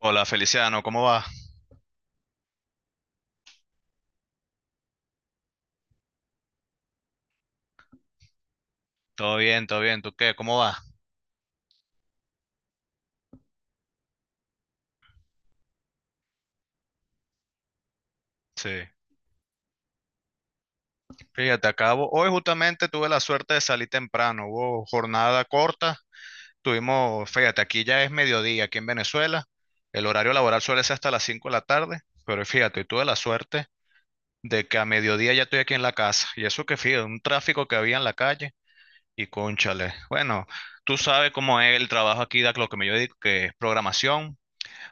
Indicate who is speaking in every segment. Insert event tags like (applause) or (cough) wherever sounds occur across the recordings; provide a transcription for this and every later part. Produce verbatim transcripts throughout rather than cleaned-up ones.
Speaker 1: Hola Feliciano, ¿cómo va? Todo bien, todo bien. ¿Tú qué? ¿Cómo va? Sí. Fíjate, acabo. Hoy justamente tuve la suerte de salir temprano. Hubo jornada corta. Tuvimos, fíjate, aquí ya es mediodía, aquí en Venezuela. El horario laboral suele ser hasta las cinco de la tarde. Pero fíjate, tuve la suerte de que a mediodía ya estoy aquí en la casa. Y eso que fíjate, un tráfico que había en la calle. Y cónchale. Bueno, tú sabes cómo es el trabajo aquí, de lo que me yo dedico, que es programación.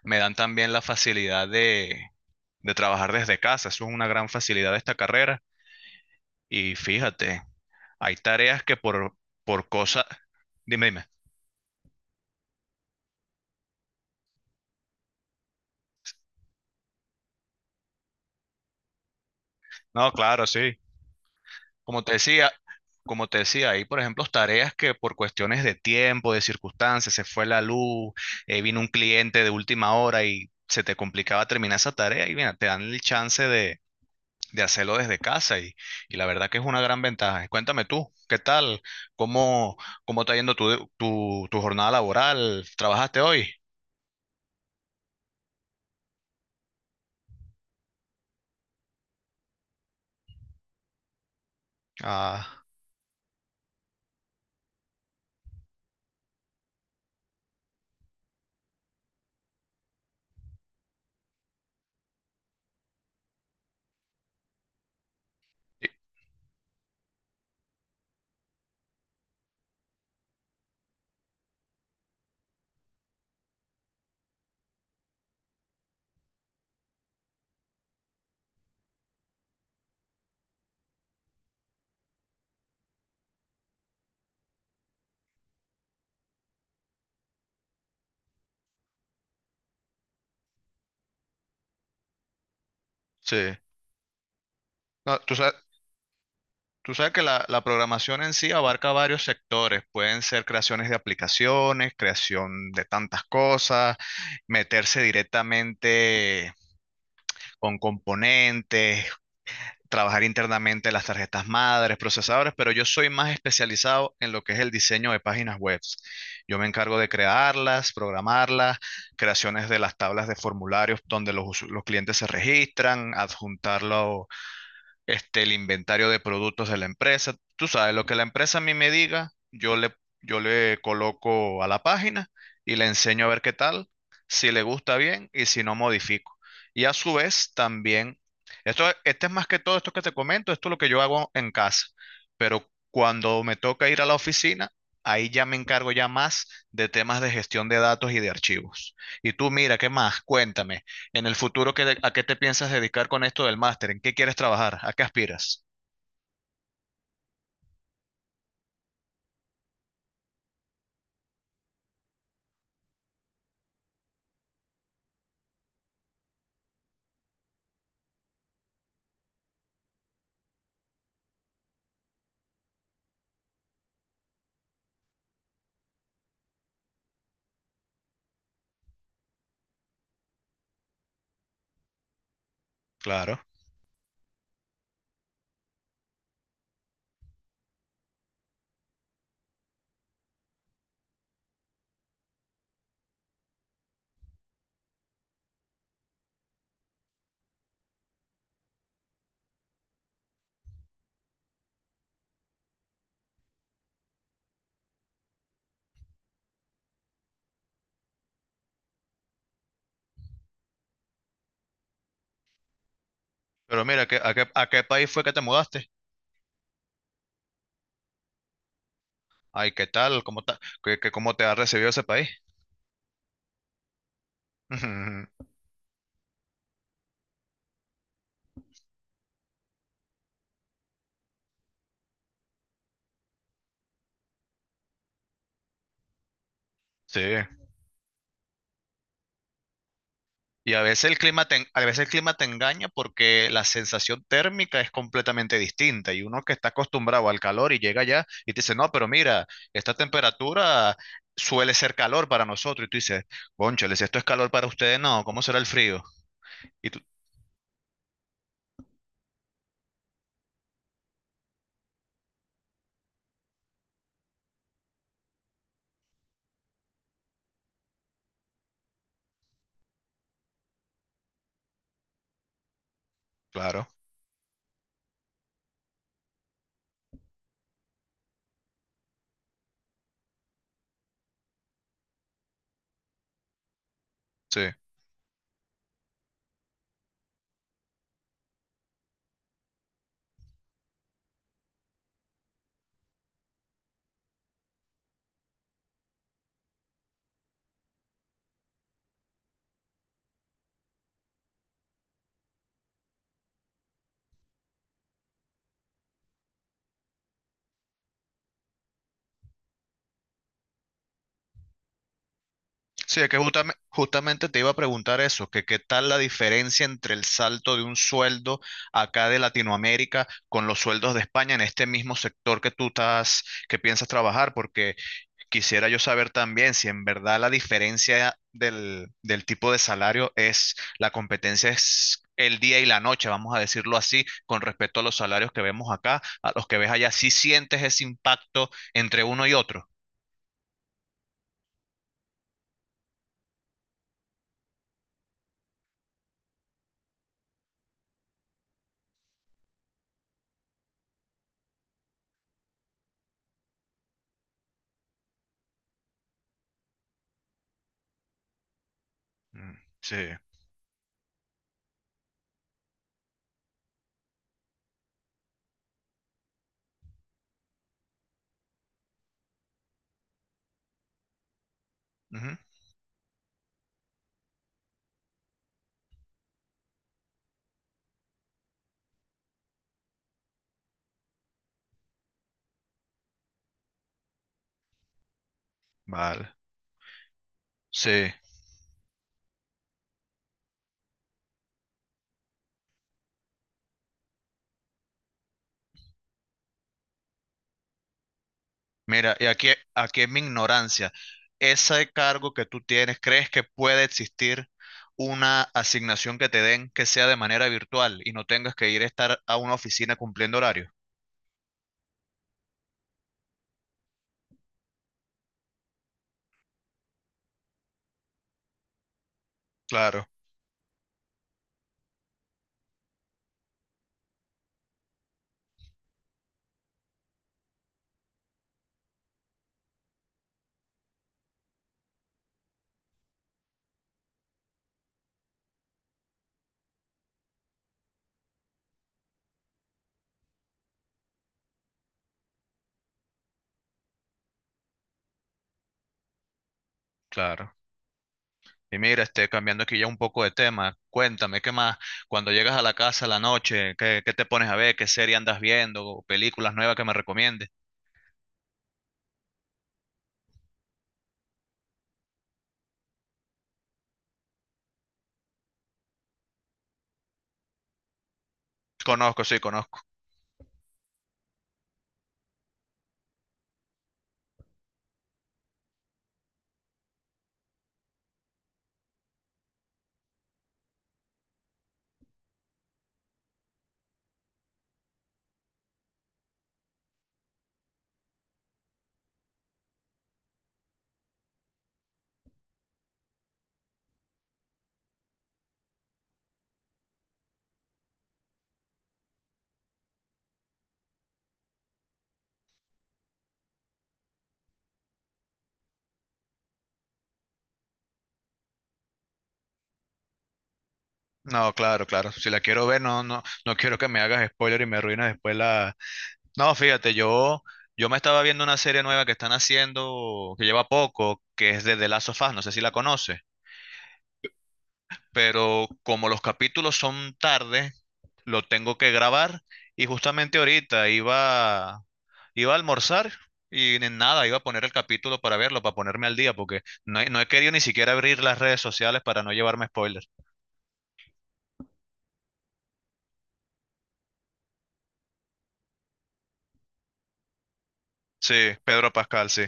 Speaker 1: Me dan también la facilidad de de trabajar desde casa. Eso es una gran facilidad de esta carrera. Y fíjate, hay tareas que por, por cosas... Dime, dime. No, claro, sí. Como te decía, como te decía, hay, por ejemplo, tareas que por cuestiones de tiempo, de circunstancias, se fue la luz, eh, vino un cliente de última hora y se te complicaba terminar esa tarea y mira, te dan el chance de, de hacerlo desde casa y, y la verdad que es una gran ventaja. Cuéntame tú, ¿qué tal? ¿Cómo, cómo está yendo tu, tu, tu jornada laboral? ¿Trabajaste hoy? Ah, y- sí. No, tú sabes, tú sabes que la, la programación en sí abarca varios sectores. Pueden ser creaciones de aplicaciones, creación de tantas cosas, meterse directamente con componentes, trabajar internamente las tarjetas madres, procesadores, pero yo soy más especializado en lo que es el diseño de páginas web. Yo me encargo de crearlas, programarlas, creaciones de las tablas de formularios donde los, usu- los clientes se registran, adjuntarlo este, el inventario de productos de la empresa. Tú sabes, lo que la empresa a mí me diga, yo le, yo le coloco a la página y le enseño a ver qué tal, si le gusta bien y si no modifico. Y a su vez también, esto, este es más que todo esto que te comento, esto es lo que yo hago en casa, pero cuando me toca ir a la oficina, ahí ya me encargo ya más de temas de gestión de datos y de archivos. Y tú, mira, ¿qué más? Cuéntame. En el futuro, ¿qué de- ¿a qué te piensas dedicar con esto del máster? ¿En qué quieres trabajar? ¿A qué aspiras? Claro. Pero mira, ¿qué- ¿a qué, a qué país fue que te mudaste? Ay, ¿qué tal? ¿Cómo ta- qué- qué- cómo te ha recibido ese país? (laughs) Ujú. Sí. Y a veces el clima te, en- a veces el clima te engaña porque la sensación térmica es completamente distinta y uno que está acostumbrado al calor y llega allá y te dice, no, pero mira, esta temperatura suele ser calor para nosotros. Y tú dices, cónchale, si esto es calor para ustedes, no, ¿cómo será el frío? Y tú, claro, sí. Sí, es que justame- justamente te iba a preguntar eso, que qué tal la diferencia entre el salto de un sueldo acá de Latinoamérica con los sueldos de España en este mismo sector que tú estás, que piensas trabajar, porque quisiera yo saber también si en verdad la diferencia del, del tipo de salario es, la competencia es el día y la noche, vamos a decirlo así, con respecto a los salarios que vemos acá, a los que ves allá, si sientes ese impacto entre uno y otro. Mm. Sí. Ujú. Vale. Sí. Mira, y aquí, aquí es mi ignorancia. Ese cargo que tú tienes, ¿crees que puede existir una asignación que te den que sea de manera virtual y no tengas que ir a estar a una oficina cumpliendo horario? Claro, claro. Y mira, este, cambiando aquí ya un poco de tema, cuéntame, ¿qué más? Cuando llegas a la casa a la noche, ¿qué, qué te pones a ver? ¿Qué serie andas viendo? ¿O películas nuevas que me recomiendes? Conozco, sí, conozco. No, claro, claro. Si la quiero ver, no, no, no quiero que me hagas spoiler y me arruines después la. No, fíjate, yo, yo me estaba viendo una serie nueva que están haciendo, que lleva poco, que es de The Last of Us, no sé si la conoces, pero como los capítulos son tarde, lo tengo que grabar y justamente ahorita iba, iba a almorzar y en nada, iba a poner el capítulo para verlo, para ponerme al día, porque no he, no he querido ni siquiera abrir las redes sociales para no llevarme spoilers. Sí, Pedro Pascal, sí,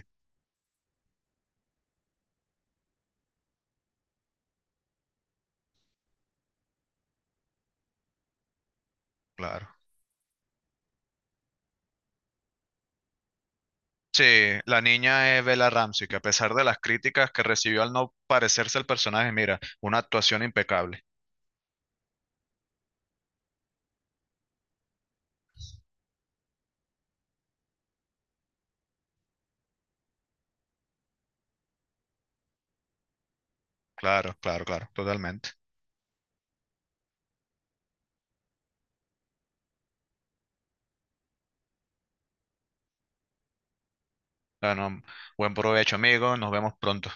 Speaker 1: claro. Sí, la niña es Bella Ramsey, que a pesar de las críticas que recibió al no parecerse al personaje, mira, una actuación impecable. Claro, claro, claro, totalmente. Bueno, buen provecho, amigo. Nos vemos pronto.